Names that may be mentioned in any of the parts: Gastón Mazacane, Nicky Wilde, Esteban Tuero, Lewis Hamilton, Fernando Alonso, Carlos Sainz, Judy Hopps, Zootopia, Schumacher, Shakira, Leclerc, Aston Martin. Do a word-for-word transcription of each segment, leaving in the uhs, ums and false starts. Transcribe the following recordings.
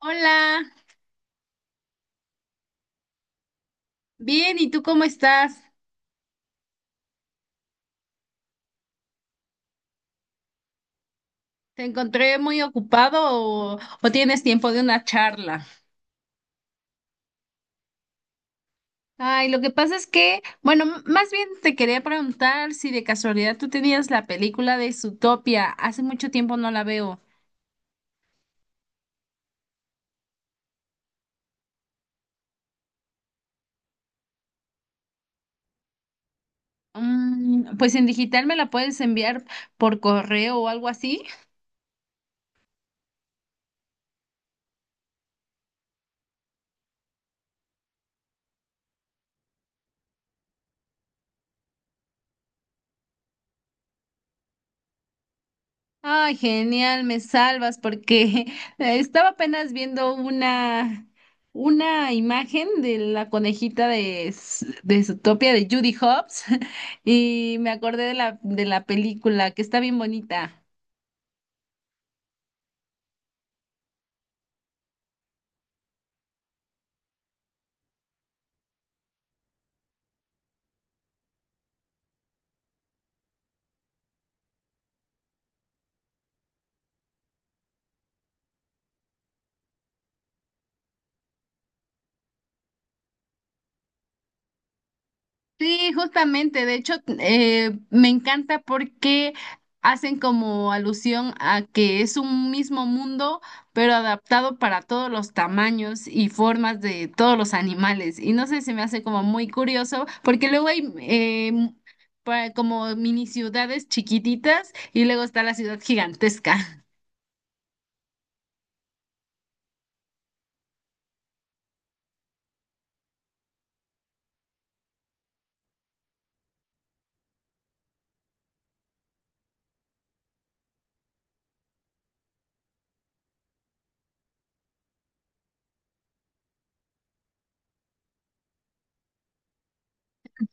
Hola, bien, ¿y tú cómo estás? ¿Te encontré muy ocupado o, o tienes tiempo de una charla? Ay, lo que pasa es que, bueno, m- más bien te quería preguntar si de casualidad tú tenías la película de Zootopia. Hace mucho tiempo no la veo. Mm, pues en digital me la puedes enviar por correo o algo así. Ay, genial, me salvas porque estaba apenas viendo una, una imagen de la conejita de, S- de Zootopia de Judy Hobbs y me acordé de la, de la película que está bien bonita. Sí, justamente, de hecho, eh, me encanta porque hacen como alusión a que es un mismo mundo, pero adaptado para todos los tamaños y formas de todos los animales. Y no sé, se me hace como muy curioso, porque luego hay eh, pa- como mini ciudades chiquititas y luego está la ciudad gigantesca.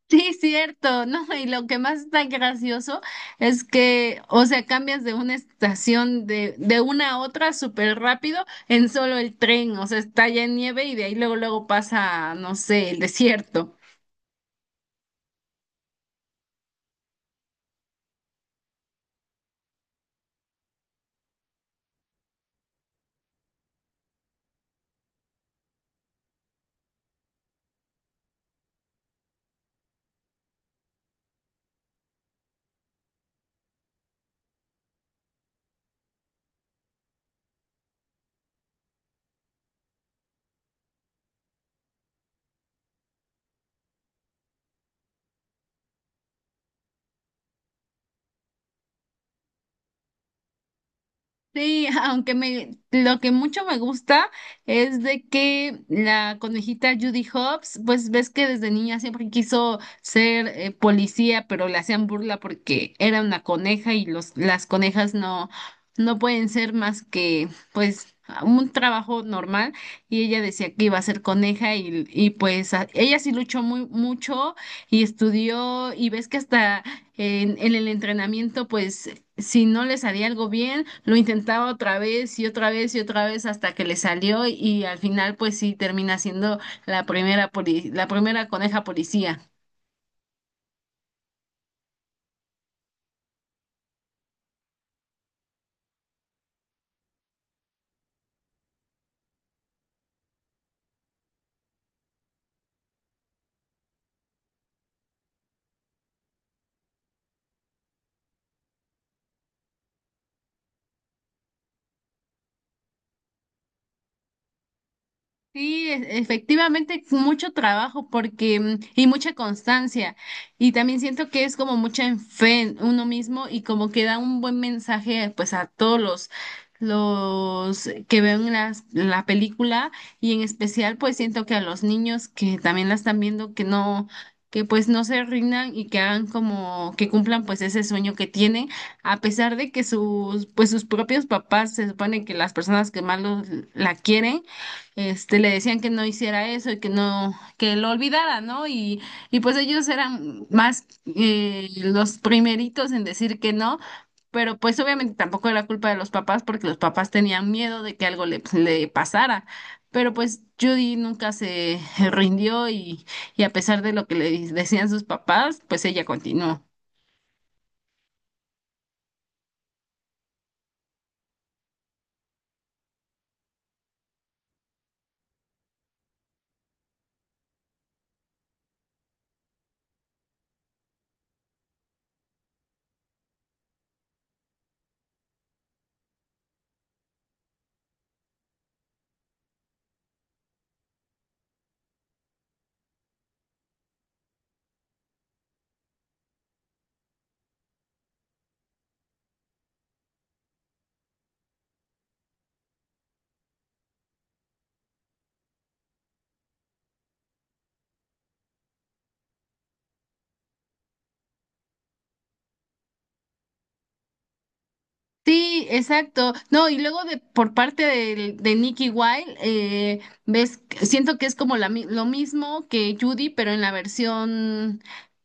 Sí, cierto, ¿no? Y lo que más está gracioso es que, o sea, cambias de una estación de, de una a otra súper rápido en solo el tren, o sea, está ya en nieve y de ahí luego, luego pasa, no sé, el desierto. Sí, aunque me lo que mucho me gusta es de que la conejita Judy Hopps, pues ves que desde niña siempre quiso ser eh, policía, pero le hacían burla porque era una coneja y los las conejas no no pueden ser más que pues un trabajo normal y ella decía que iba a ser coneja y, y pues a- ella sí luchó muy mucho y estudió y ves que hasta en en el entrenamiento pues si no le salía algo bien, lo intentaba otra vez y otra vez y otra vez hasta que le salió y al final pues sí termina siendo la primera poli- la primera coneja policía. Sí, e- efectivamente, fue mucho trabajo porque mm, y mucha constancia. Y también siento que es como mucha en fe en uno mismo y como que da un buen mensaje pues a todos los los que ven las, la película y en especial pues siento que a los niños que también la están viendo que no que pues no se rindan y que hagan como que cumplan pues ese sueño que tienen a pesar de que sus pues sus propios papás, se supone que las personas que más los- la quieren este, le decían que no hiciera eso y que no, que lo olvidara, ¿no? Y, y pues ellos eran más eh, los primeritos en decir que no, pero pues obviamente tampoco era culpa de los papás porque los papás tenían miedo de que algo le, le pasara. Pero pues Judy nunca se rindió y, y a pesar de lo que le decían sus papás, pues ella continuó. Sí, exacto. No, y luego de por parte del- de, Nicky Wilde, eh, ves, siento que es como la mi- lo mismo que Judy, pero en la versión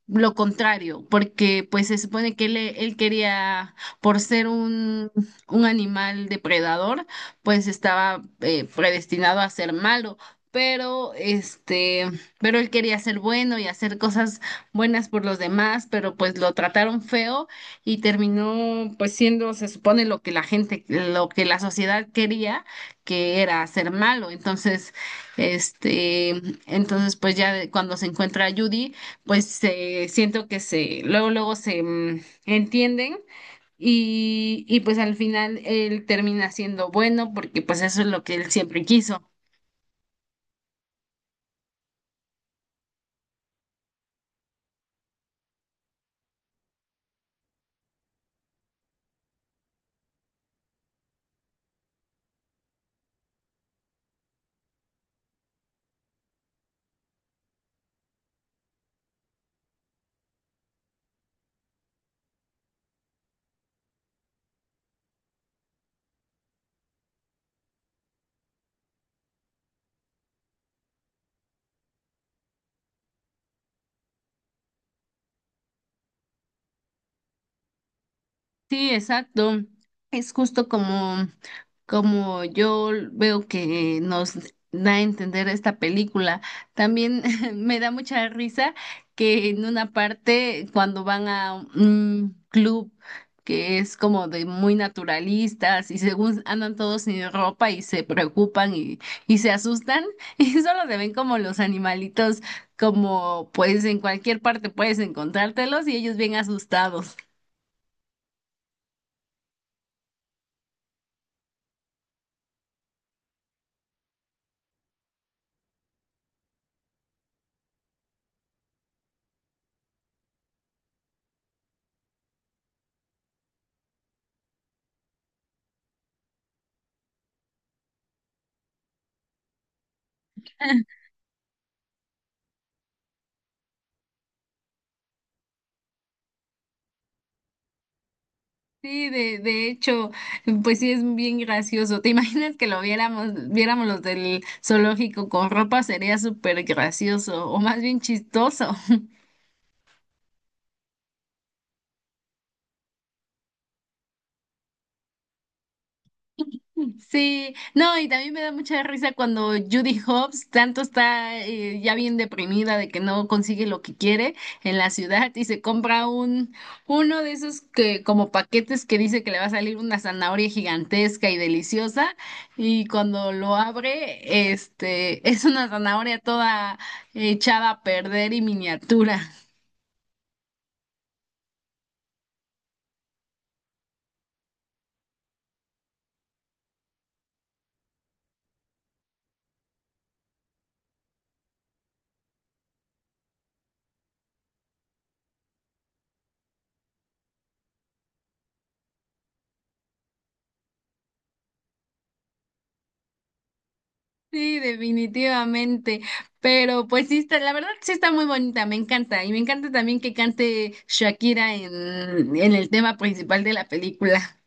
lo contrario, porque pues se supone que él, él quería, por ser un, un animal depredador, pues estaba eh, predestinado a ser malo. Pero este, pero él quería ser bueno y hacer cosas buenas por los demás, pero pues lo trataron feo y terminó pues siendo, se supone, lo que la gente, lo que la sociedad quería, que era ser malo. Entonces, este, entonces pues ya de- cuando se encuentra a Judy, pues se siento que se, luego, luego se mm, entienden. Y, y pues al final él termina siendo bueno porque pues eso es lo que él siempre quiso. Sí, exacto. Es justo como, como yo veo que nos da a entender esta película. También me da mucha risa que en una parte, cuando van a un club que es como de muy naturalistas y según andan todos sin ropa y se preocupan y, y se asustan y solo se ven como los animalitos, como pues en cualquier parte puedes encontrártelos y ellos bien asustados. Sí, de, de hecho, pues sí es bien gracioso. ¿Te imaginas que lo viéramos, viéramos los del zoológico con ropa? Sería súper gracioso, o más bien chistoso. Sí, no, y también me da mucha risa cuando Judy Hobbs tanto está eh, ya bien deprimida de que no consigue lo que quiere en la ciudad y se compra un uno de esos que como paquetes que dice que le va a salir una zanahoria gigantesca y deliciosa y cuando lo abre, este, es una zanahoria toda echada a perder y miniatura. Sí, definitivamente. Pero pues sí está, la verdad sí está muy bonita, me encanta. Y me encanta también que cante Shakira en, en el tema principal de la película.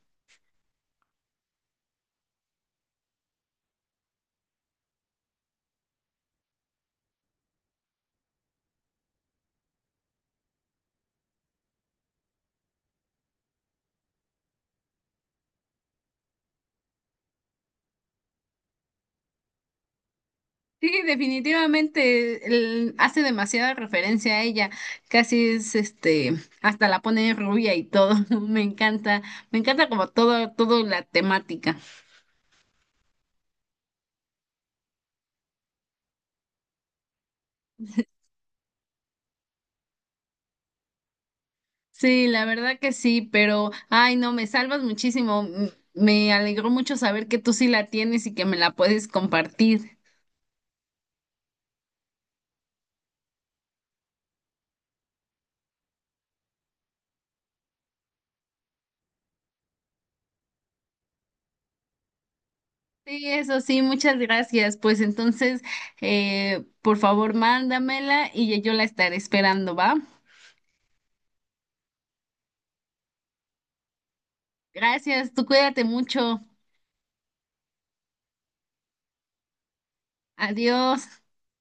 Sí, definitivamente el- hace demasiada referencia a ella. Casi es este, hasta la pone rubia y todo. Me encanta, me encanta como todo, todo la temática. Sí, la verdad que sí, pero ay no, me salvas muchísimo. M- Me alegró mucho saber que tú sí la tienes y que me la puedes compartir. Sí, eso sí, muchas gracias. Pues entonces, eh, por favor, mándamela y yo la estaré esperando, ¿va? Gracias, tú cuídate mucho. Adiós.